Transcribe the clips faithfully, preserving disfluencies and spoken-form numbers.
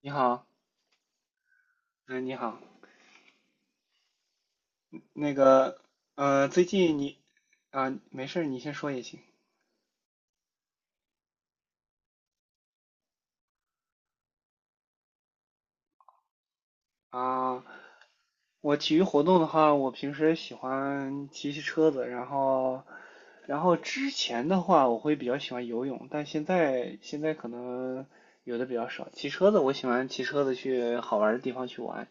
你好，嗯，你好，那个，呃，最近你，啊，没事儿，你先说也行啊。我体育活动的话，我平时喜欢骑骑车子，然后，然后之前的话，我会比较喜欢游泳，但现在现在可能游的比较少。骑车子，我喜欢骑车子去好玩儿的地方去玩。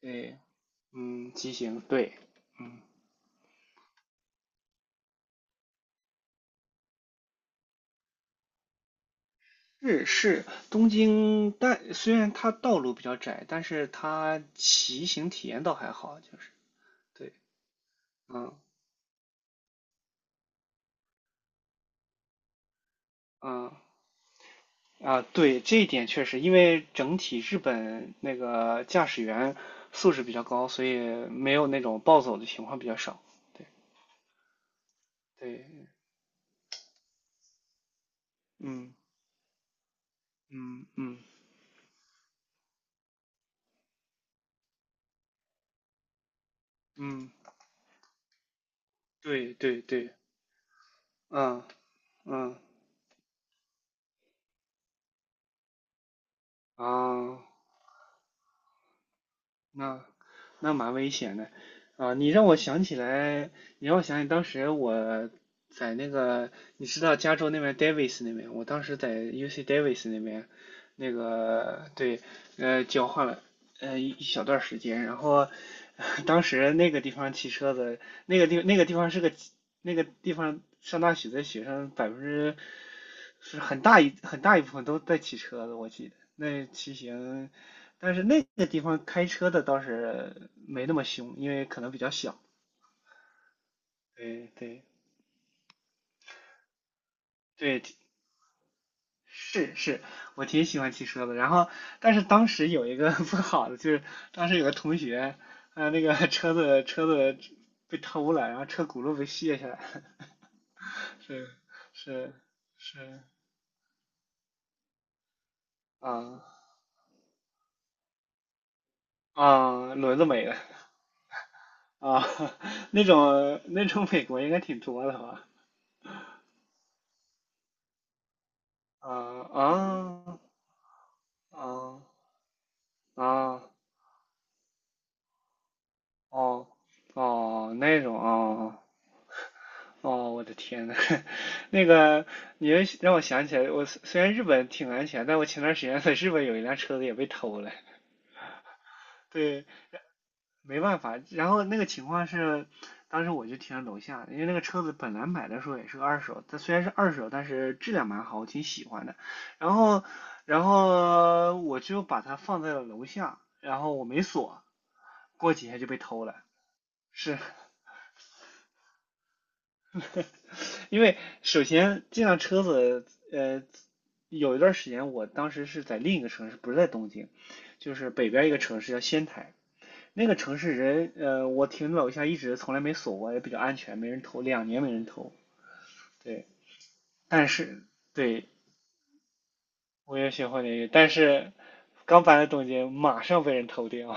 对，嗯，骑行，对，嗯。是是，东京，但虽然它道路比较窄，但是它骑行体验倒还好，就是对，嗯嗯啊，对，这一点确实，因为整体日本那个驾驶员素质比较高，所以没有那种暴走的情况比较少。对对，嗯嗯嗯嗯，对对对，嗯嗯啊。那那蛮危险的啊！你让我想起来，你让我想起当时我在那个，你知道加州那边 Davis 那边，我当时在 U C Davis 那边，那个对，呃，交换了呃一一小段时间，然后呃当时那个地方骑车子，那个地那个地方是个那个地方上大学的学生百分之是很大一很大一部分都在骑车子，我记得那骑行。但是那那地方开车的倒是没那么凶，因为可能比较小。对对对，是是，我挺喜欢骑车的。然后，但是当时有一个 不好的，就是当时有个同学，呃，那个 车子车子被偷了，然后车轱辘被卸下来了是是是，啊啊，轮子没了啊，那种那种美国应该挺多的吧？啊啊啊啊！哦哦，那种哦哦，我的天呐，那个你让我想起来，我虽虽然日本挺安全，但我前段时间在日本有一辆车子也被偷了。对，没办法。然后那个情况是，当时我就停在楼下，因为那个车子本来买的时候也是个二手，它虽然是二手，但是质量蛮好，我挺喜欢的。然后，然后我就把它放在了楼下，然后我没锁，过几天就被偷了。是，因为首先这辆车子，呃，有一段时间，我当时是在另一个城市，不是在东京，就是北边一个城市叫仙台。那个城市人，呃，我停楼下一直从来没锁过，也比较安全，没人偷，两年没人偷。对，但是对我也学会了一个，但是刚搬来东京，马上被人偷掉。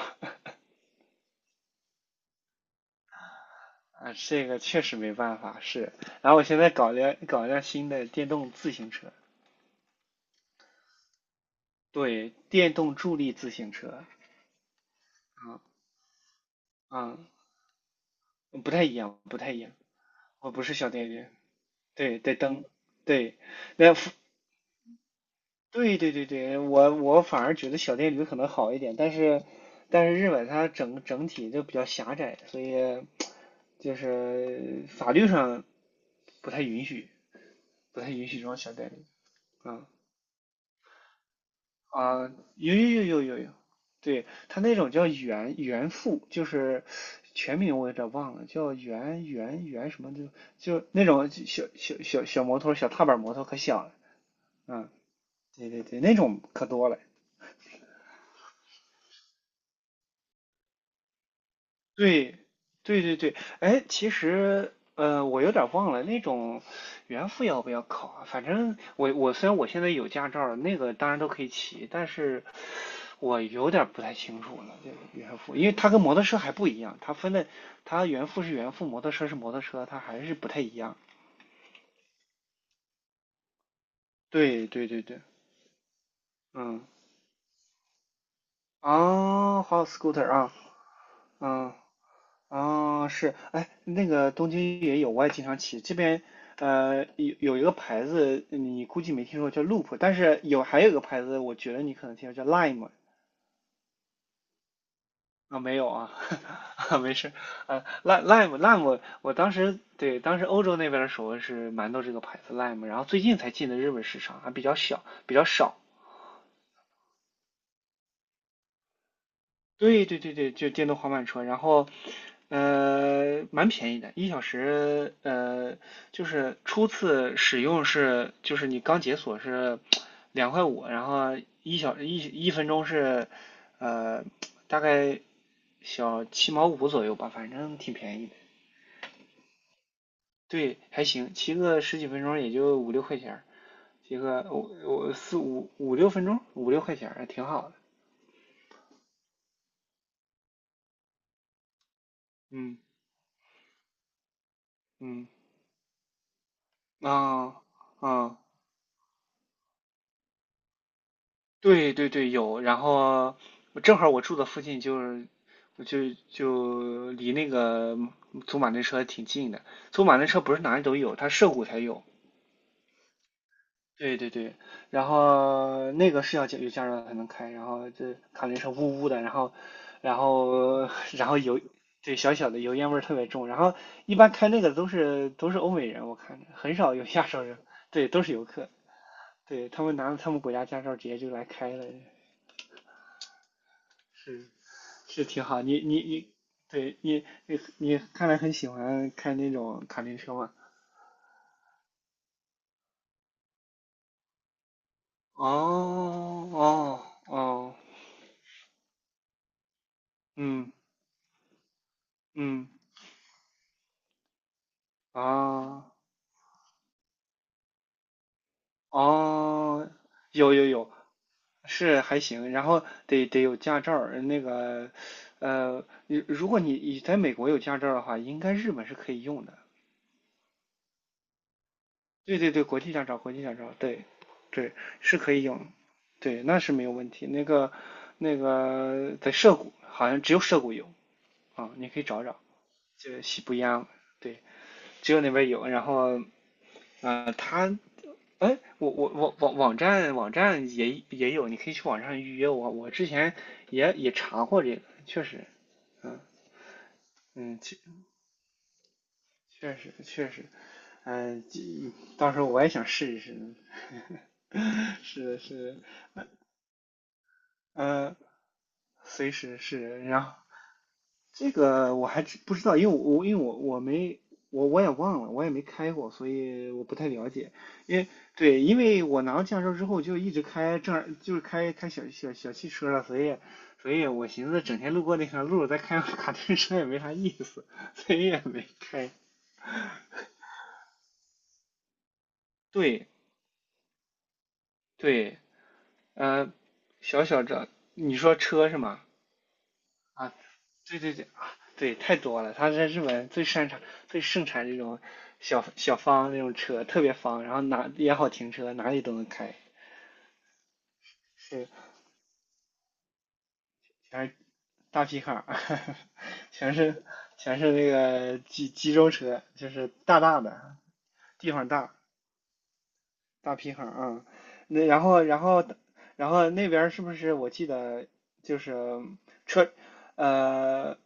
啊，这个确实没办法，是。然后我现在搞辆搞一辆新的电动自行车，对，电动助力自行车，啊、嗯、啊、嗯嗯不太一样，不太一样。我不是小电甜，对，带灯，对，那服对对对对，我我反而觉得小电驴可能好一点，但是但是日本它整整体就比较狭窄，所以就是法律上不太允许，不太允许装小电驴啊。啊，有有有有有有，对，他那种叫原原付，就是全名我有点忘了，叫原原原什么的，就那种小小小小摩托，小踏板摩托可小了，嗯，对对对，那种可多了。对，对对对，哎，其实呃，我有点忘了那种原付要不要考啊？反正我我虽然我现在有驾照了，那个当然都可以骑，但是我有点不太清楚了。这个原付，因为它跟摩托车还不一样，它分的它原付是原付，摩托车是摩托车，它还是不太一样。对对对对，嗯，啊，好 scooter 啊，嗯啊，是，哎，那个东京也有，我也经常骑。这边呃有有一个牌子，你估计没听说叫 Loop,但是有还有一个牌子，我觉得你可能听说叫 Lime 啊，没有啊，啊没事，啊 Lime Lime Lime，我当时对当时欧洲那边的时候是蛮多这个牌子 Lime,然后最近才进的日本市场，还比较小比较少，对对对对，就电动滑板车，然后呃，蛮便宜的，一小时呃，就是初次使用是，就是你刚解锁是两块五，然后一小一一分钟是呃大概小七毛五左右吧，反正挺便宜的。对，还行，骑个十几分钟也就五六块钱儿，骑个我我四五五六分钟，五六块钱儿还挺好的。嗯嗯啊啊。对对对，有。然后我正好我住的附近就是，我就就离那个祖马丁车挺近的。祖马丁车不是哪里都有，它涉谷才有。对对对，然后那个是要加有驾照才能开，然后这卡丁车呜呜的，然后然后 然后油，对小小的油烟味儿特别重。然后一般开那个都是都是欧美人，我看着很少有 亚洲人，对，都是游客，对他们拿了他们国家驾照直接就来开了。是是挺好。你你你，对你你你，看来很喜欢开那种卡丁车嘛？哦哦哦，嗯嗯啊哦，有有有，是还行。然后得得有驾照儿，那个呃，如如果你你在美国有驾照儿的话，应该日本是可以用的。对对对，国际驾照，国际驾照，对，对，是可以用，对，那是没有问题。那个，那个在涉谷，好像只有涉谷有啊，你可以找找，就西不央，对，只有那边有。然后，呃，他，哎，我我我网网站网站也也有，你可以去网上预约我。我之前也也查过这个，确实，嗯嗯，确确实确实，嗯、呃到时候我也想试一试，是是嗯、呃随时是，然后这个我还知不知道，因为我因为我我没我我也忘了，我也没开过，所以我不太了解。因为对，因为我拿到驾照之后就一直开正儿就是开开小小小汽车了，所以所以我寻思整天路过那条路再开卡丁车也没啥意思，所以也没开。对对，呃，小小这你说车是吗？啊，对对对啊，对，太多了。他在日本最擅长、最盛产这种小小方那种车，特别方，然后哪也好停车，哪里都能开，是全是大皮卡，全是全是那个集集中车，就是大大的，地方大，大皮行啊，那然后然后然后那边儿是不是我记得就是车呃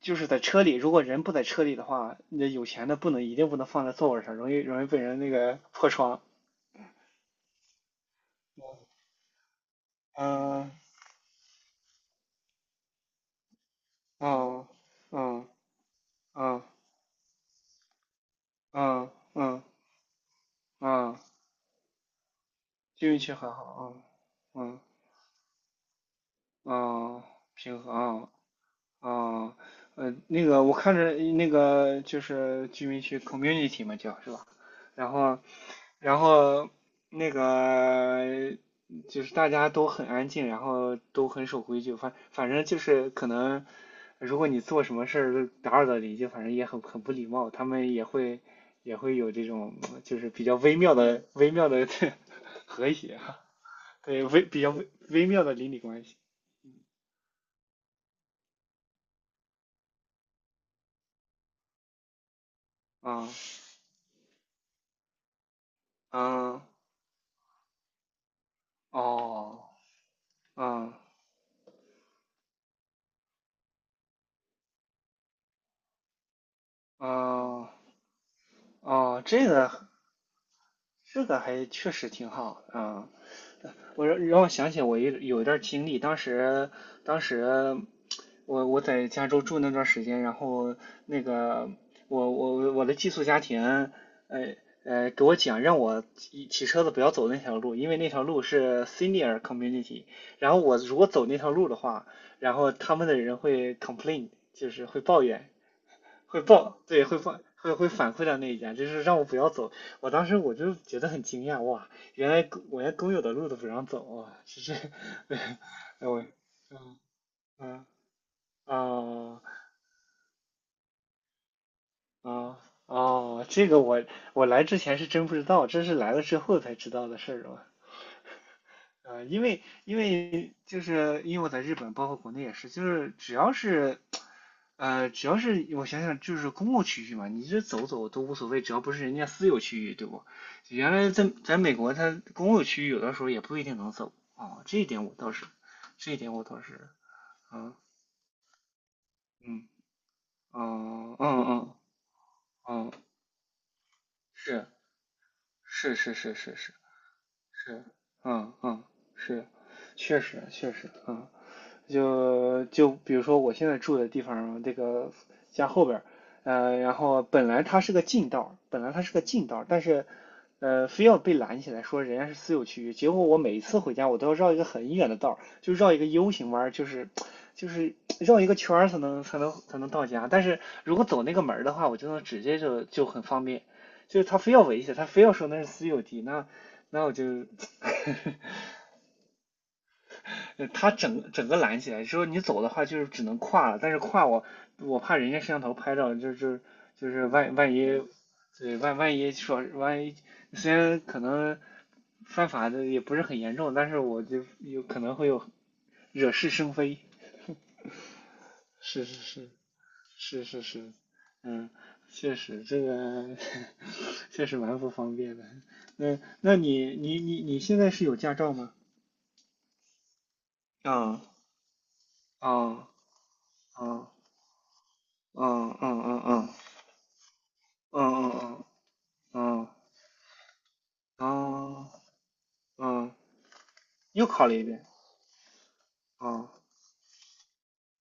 就是在车里，如果人不在车里的话，那有钱的不能一定不能放在座位上，容易容易被人那个破窗。嗯嗯嗯嗯嗯嗯嗯，运气很好啊，嗯嗯，平衡啊哦，呃，那个我看着那个就是居民区 community 嘛叫是吧？然后，然后那个就是大家都很安静，然后都很守规矩，反反正就是可能如果你做什么事儿都打扰到邻居，反正也很很不礼貌，他们也会也会有这种就是比较微妙的微妙的 和谐啊，对，微比较微微妙的邻里关系啊，嗯，哦。啊啊哦，这个这个还确实挺好啊。我让让我想起我一有一段经历，当时当时我我在加州住那段时间，然后那个我我我的寄宿家庭，呃呃，给我讲让我骑骑车子不要走那条路，因为那条路是 senior community，然后我如果走那条路的话，然后他们的人会 complain，就是会抱怨，会报，对，会报，会会反馈到那一家，就是让我不要走。我当时我就觉得很惊讶，哇，原来公我连工有的路都不让走，哇，这是，哎我，嗯嗯哦哦哦，这个我我来之前是真不知道，这是来了之后才知道的事儿啊。呃，因为因为就是因为我在日本，包括国内也是，就是只要是呃，只要是我想想，就是公共区域嘛，你这走走都无所谓，只要不是人家私有区域，对不？原来在在美国，它公共区域有的时候也不一定能走啊，这一点我倒是，这一点我倒是，啊，嗯，啊，嗯嗯嗯，是是是是是是是，嗯嗯，是，确实确实，嗯，就就比如说我现在住的地方，这个家后边呃，然后本来它是个近道本来它是个近道，但是呃，非要被拦起来说人家是私有区域，结果我每一次回家我都要绕一个很远的道，就绕一个 U 型弯，就是就是绕一个圈才能才能才能到家，但是如果走那个门的话，我就能直接就就很方便，就是他非要围起来，他非要说那是私有地，那那我就。呵呵呃它整整个拦起来，之后你走的话就是只能跨了，但是跨我我怕人家摄像头拍照，就是就是万万一，对万万一，说万一虽然可能犯法的也不是很严重，但是我就有可能会有惹是生非。是是是，是是是，嗯，确实这个 确实蛮不方便的。那那你你你你现在是有驾照吗？嗯，哦哦哦哦哦哦，嗯嗯嗯嗯哦嗯，又考了一遍。哦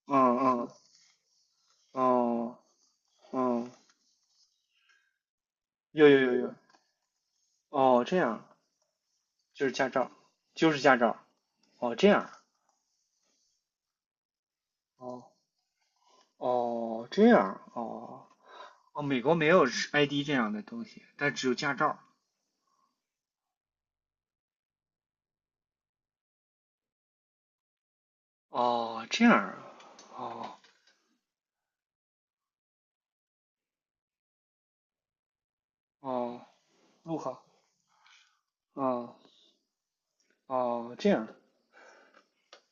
嗯嗯哦嗯，有有有有，哦，这样，就是驾照，就是驾照。哦，这样哦，哦这样哦，哦，美国没有 I D 这样的东西，但只有驾照。哦，这样啊，哦哦，路考。哦哦，这样。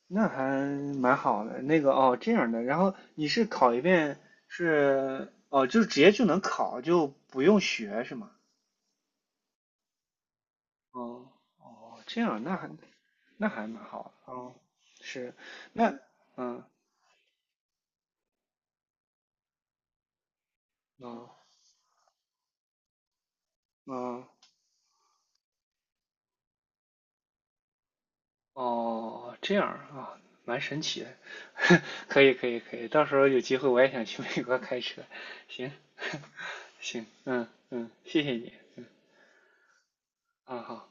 那还蛮好的。那个哦，这样的，然后你是考一遍，是哦，就直接就能考，就不用学是吗？哦哦，这样那还那还蛮好的哦，是，那嗯哦嗯哦，这样啊，蛮神奇的，可以可以可以，到时候有机会我也想去美国开车，行， 行，嗯嗯，谢谢你，啊好。